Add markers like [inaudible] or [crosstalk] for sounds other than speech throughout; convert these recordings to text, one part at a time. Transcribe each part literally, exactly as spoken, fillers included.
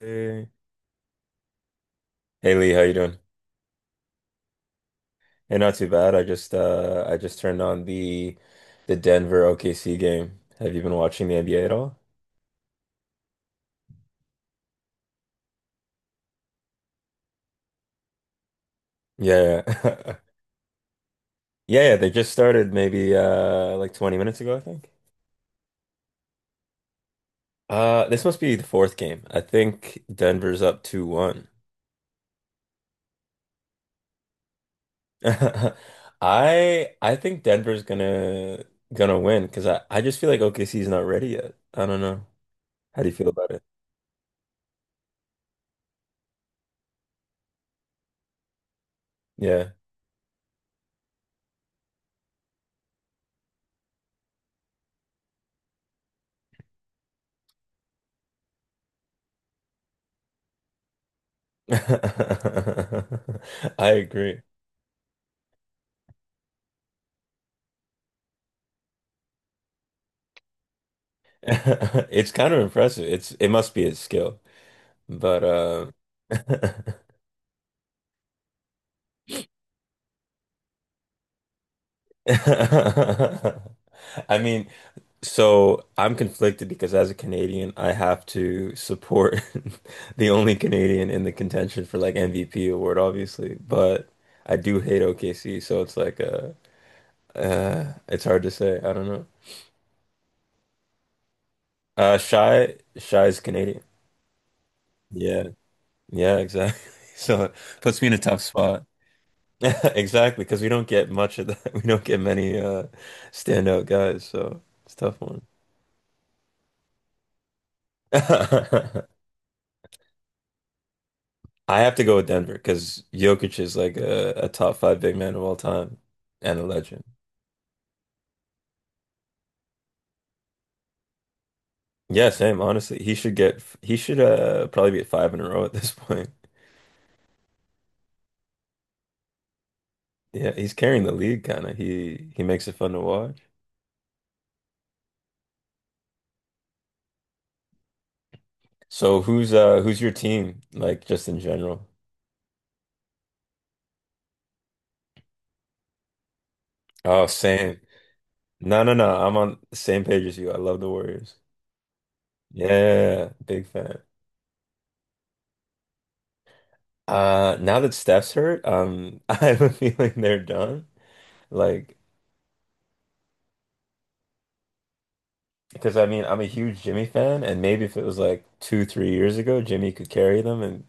Hey. Hey Lee, how you doing? Hey, not too bad. I just uh I just turned on the the Denver O K C game. Have you been watching the N B A at all? Yeah, yeah. [laughs] Yeah, yeah, they just started maybe uh like twenty minutes ago, I think. Uh this must be the fourth game. I think Denver's up two one. [laughs] I I think Denver's gonna gonna win because I, I just feel like O K C is not ready yet. I don't know. How do you feel about it? Yeah. [laughs] I agree. [laughs] It's kind of impressive. It's it must be a skill. But uh [laughs] I mean, so I'm conflicted because as a Canadian, I have to support [laughs] the only Canadian in the contention for like M V P award, obviously. But I do hate O K C, so it's like uh, uh it's hard to say. I don't know. Uh Shy Shy's Canadian. Yeah. Yeah, exactly. [laughs] So it puts me in a tough spot. [laughs] Exactly, because we don't get much of that. [laughs] We don't get many uh standout guys, so it's a tough one. [laughs] I have to go with Denver because Jokic is like a, a top five big man of all time and a legend. Yeah, same. Honestly, he should get he should uh probably be at five in a row at this [laughs] point. Yeah, he's carrying the league kind of. He he makes it fun to watch. So who's uh who's your team like just in general? Oh, same. No, no, no. I'm on the same page as you. I love the Warriors. Yeah, big fan. Uh, now that Steph's hurt, um, [laughs] I have a feeling they're done. Like, because I mean, I'm a huge Jimmy fan, and maybe if it was like two, three years ago, Jimmy could carry them and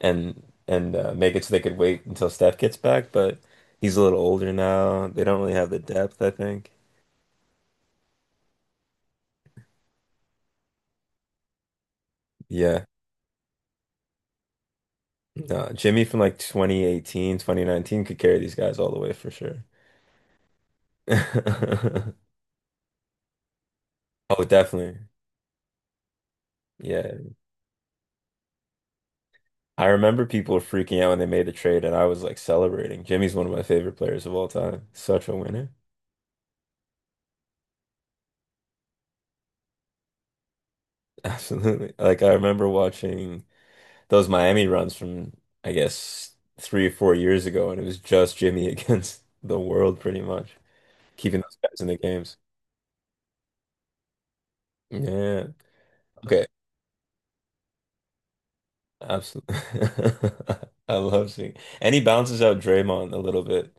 and and uh, make it so they could wait until Steph gets back. But he's a little older now. They don't really have the depth, I think. Yeah, no, Jimmy from like twenty eighteen, twenty nineteen could carry these guys all the way for sure. [laughs] Oh, definitely. Yeah. I remember people were freaking out when they made the trade, and I was like celebrating. Jimmy's one of my favorite players of all time. Such a winner. [laughs] Absolutely. Like, I remember watching those Miami runs from, I guess, three or four years ago, and it was just Jimmy [laughs] against the world, pretty much, keeping those guys in the games. Yeah. Okay. Absolutely. [laughs] I love seeing. And he bounces out Draymond a little bit,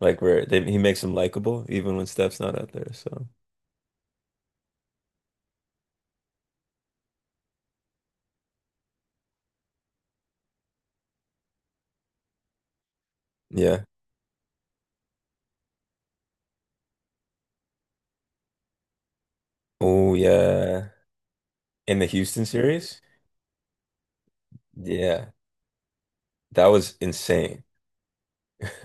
like, where they, he makes him likable, even when Steph's not out there. So, yeah. Oh, yeah. In the Houston series? Yeah, that was insane. [laughs]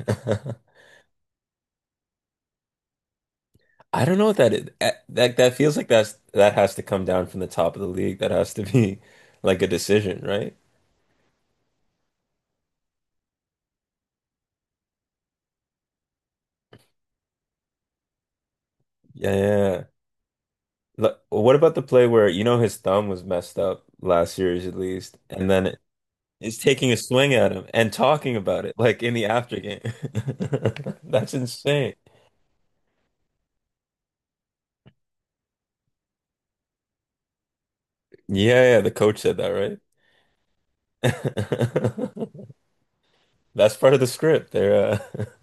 I don't know what that is. Eh, That that feels like that's that has to come down from the top of the league. That has to be like a decision, right? Yeah, yeah. Look, what about the play where you know his thumb was messed up last series at least, and then is taking a swing at him and talking about it like in the after game. [laughs] That's insane. Yeah, yeah, the coach said that, right? [laughs] That's part of the script. They're uh,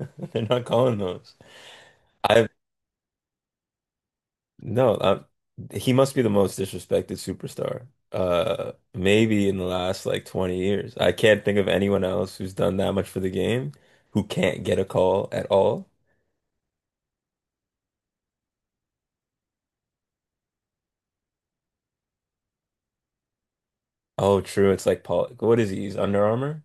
[laughs] they're not calling those. I No, I, he must be the most disrespected superstar. Uh, maybe in the last like twenty years. I can't think of anyone else who's done that much for the game who can't get a call at all. Oh, true. It's like Paul. What is he? He's Under Armour?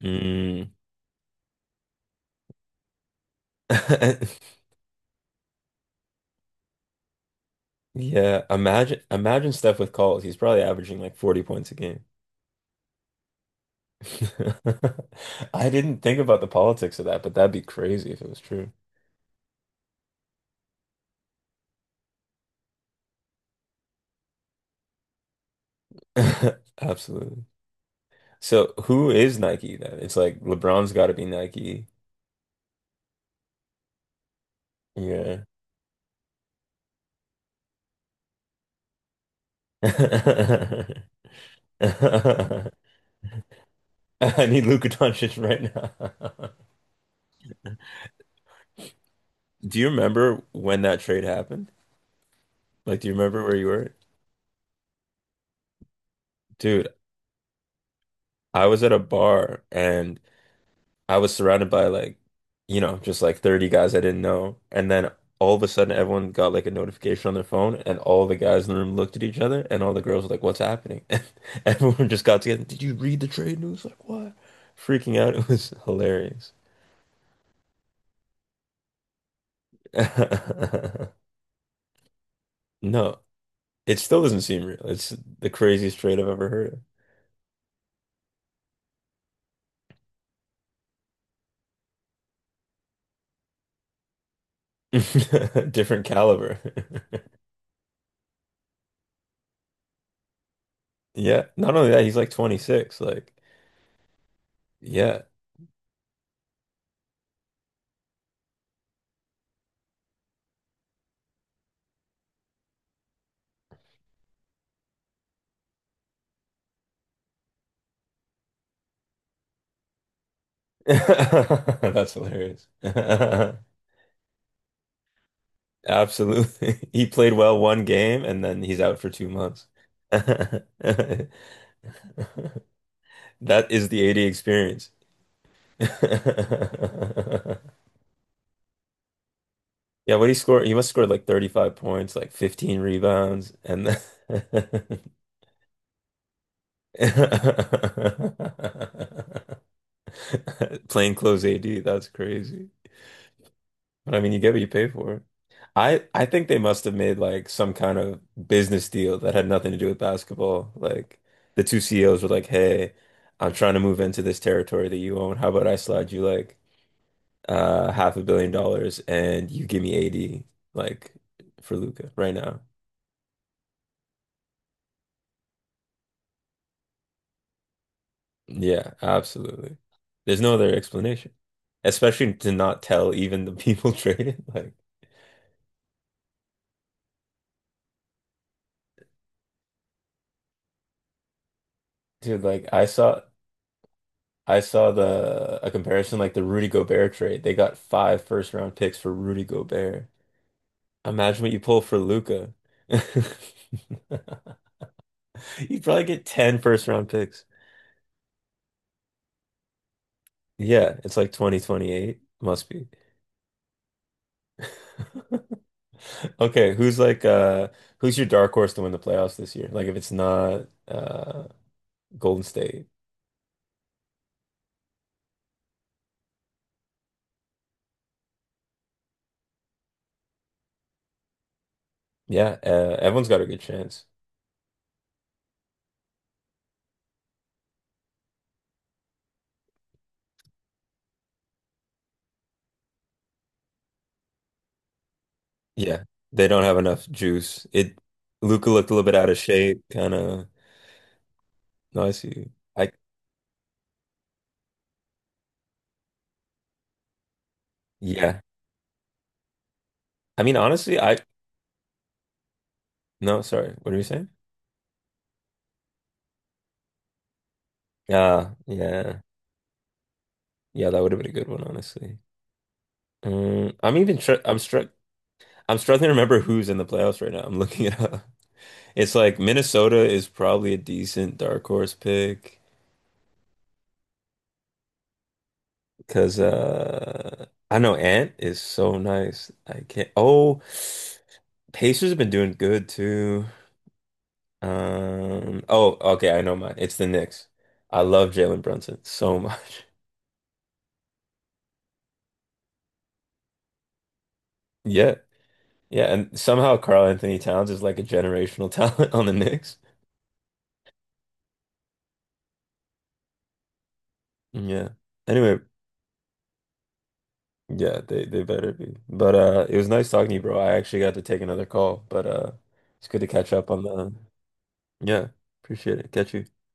Mm. [laughs] Yeah, imagine imagine Steph with calls. He's probably averaging like forty points a game. [laughs] I didn't think about the politics of that, but that'd be crazy if it was true. [laughs] Absolutely. So who is Nike then? It's like LeBron's got to be Nike. Yeah. [laughs] I need Luka Doncic right now. [laughs] Do you remember when that trade happened? Like, do you remember where you were? Dude, I was at a bar and I was surrounded by like, you know, just like thirty guys I didn't know. And then all of a sudden everyone got like a notification on their phone and all the guys in the room looked at each other and all the girls were like, what's happening? [laughs] And everyone just got together. Did you read the trade news? Like what? Freaking out. [laughs] It was hilarious. [laughs] No, it still doesn't seem real. It's the craziest trade I've ever heard of. [laughs] Different caliber. [laughs] Yeah. Not only that, he's like twenty-six. Like, yeah. [laughs] That's hilarious. [laughs] Absolutely. [laughs] He played well one game and then he's out for two months. [laughs] That is the eighty experience. [laughs] Yeah, what he scored, he must have scored like thirty-five points, like fifteen rebounds, and then [laughs] plain clothes A D, that's crazy. But I mean, you get what you pay for. I I think they must have made like some kind of business deal that had nothing to do with basketball. Like the two C E Os were like, "Hey, I'm trying to move into this territory that you own. How about I slide you like uh half a billion dollars and you give me A D like for Luca right now?" Yeah, absolutely. There's no other explanation. Especially to not tell even the people [laughs] traded. Like, dude, like I saw. I saw the a comparison like the Rudy Gobert trade. They got five first round picks for Rudy Gobert. Imagine what you pull for Luca. [laughs] You'd probably get ten first round picks. Yeah, it's like twenty twenty-eight. Must be. [laughs] Okay, who's like uh who's your dark horse to win the playoffs this year? Like if it's not uh Golden State. Yeah, uh, everyone's got a good chance. Yeah, they don't have enough juice. It Luca looked a little bit out of shape, kind of. No, I see. I Yeah. I mean, honestly, I no, sorry. What are you saying? Yeah, yeah, yeah. That would have been a good one, honestly. Um, I'm even tr I'm struck. I'm struggling to remember who's in the playoffs right now. I'm [laughs] looking it up. It's like Minnesota is probably a decent dark horse pick because uh, I know Ant is so nice. I can't. Oh, Pacers have been doing good too. Um. Oh, okay. I know mine. It's the Knicks. I love Jalen Brunson so much. [laughs] Yeah. Yeah, and somehow Carl Anthony Towns is like a generational [laughs] talent on the Knicks. Yeah. Anyway, yeah, they they better be. But uh it was nice talking to you, bro. I actually got to take another call, but uh it's good to catch up on the, yeah, appreciate it. Catch you.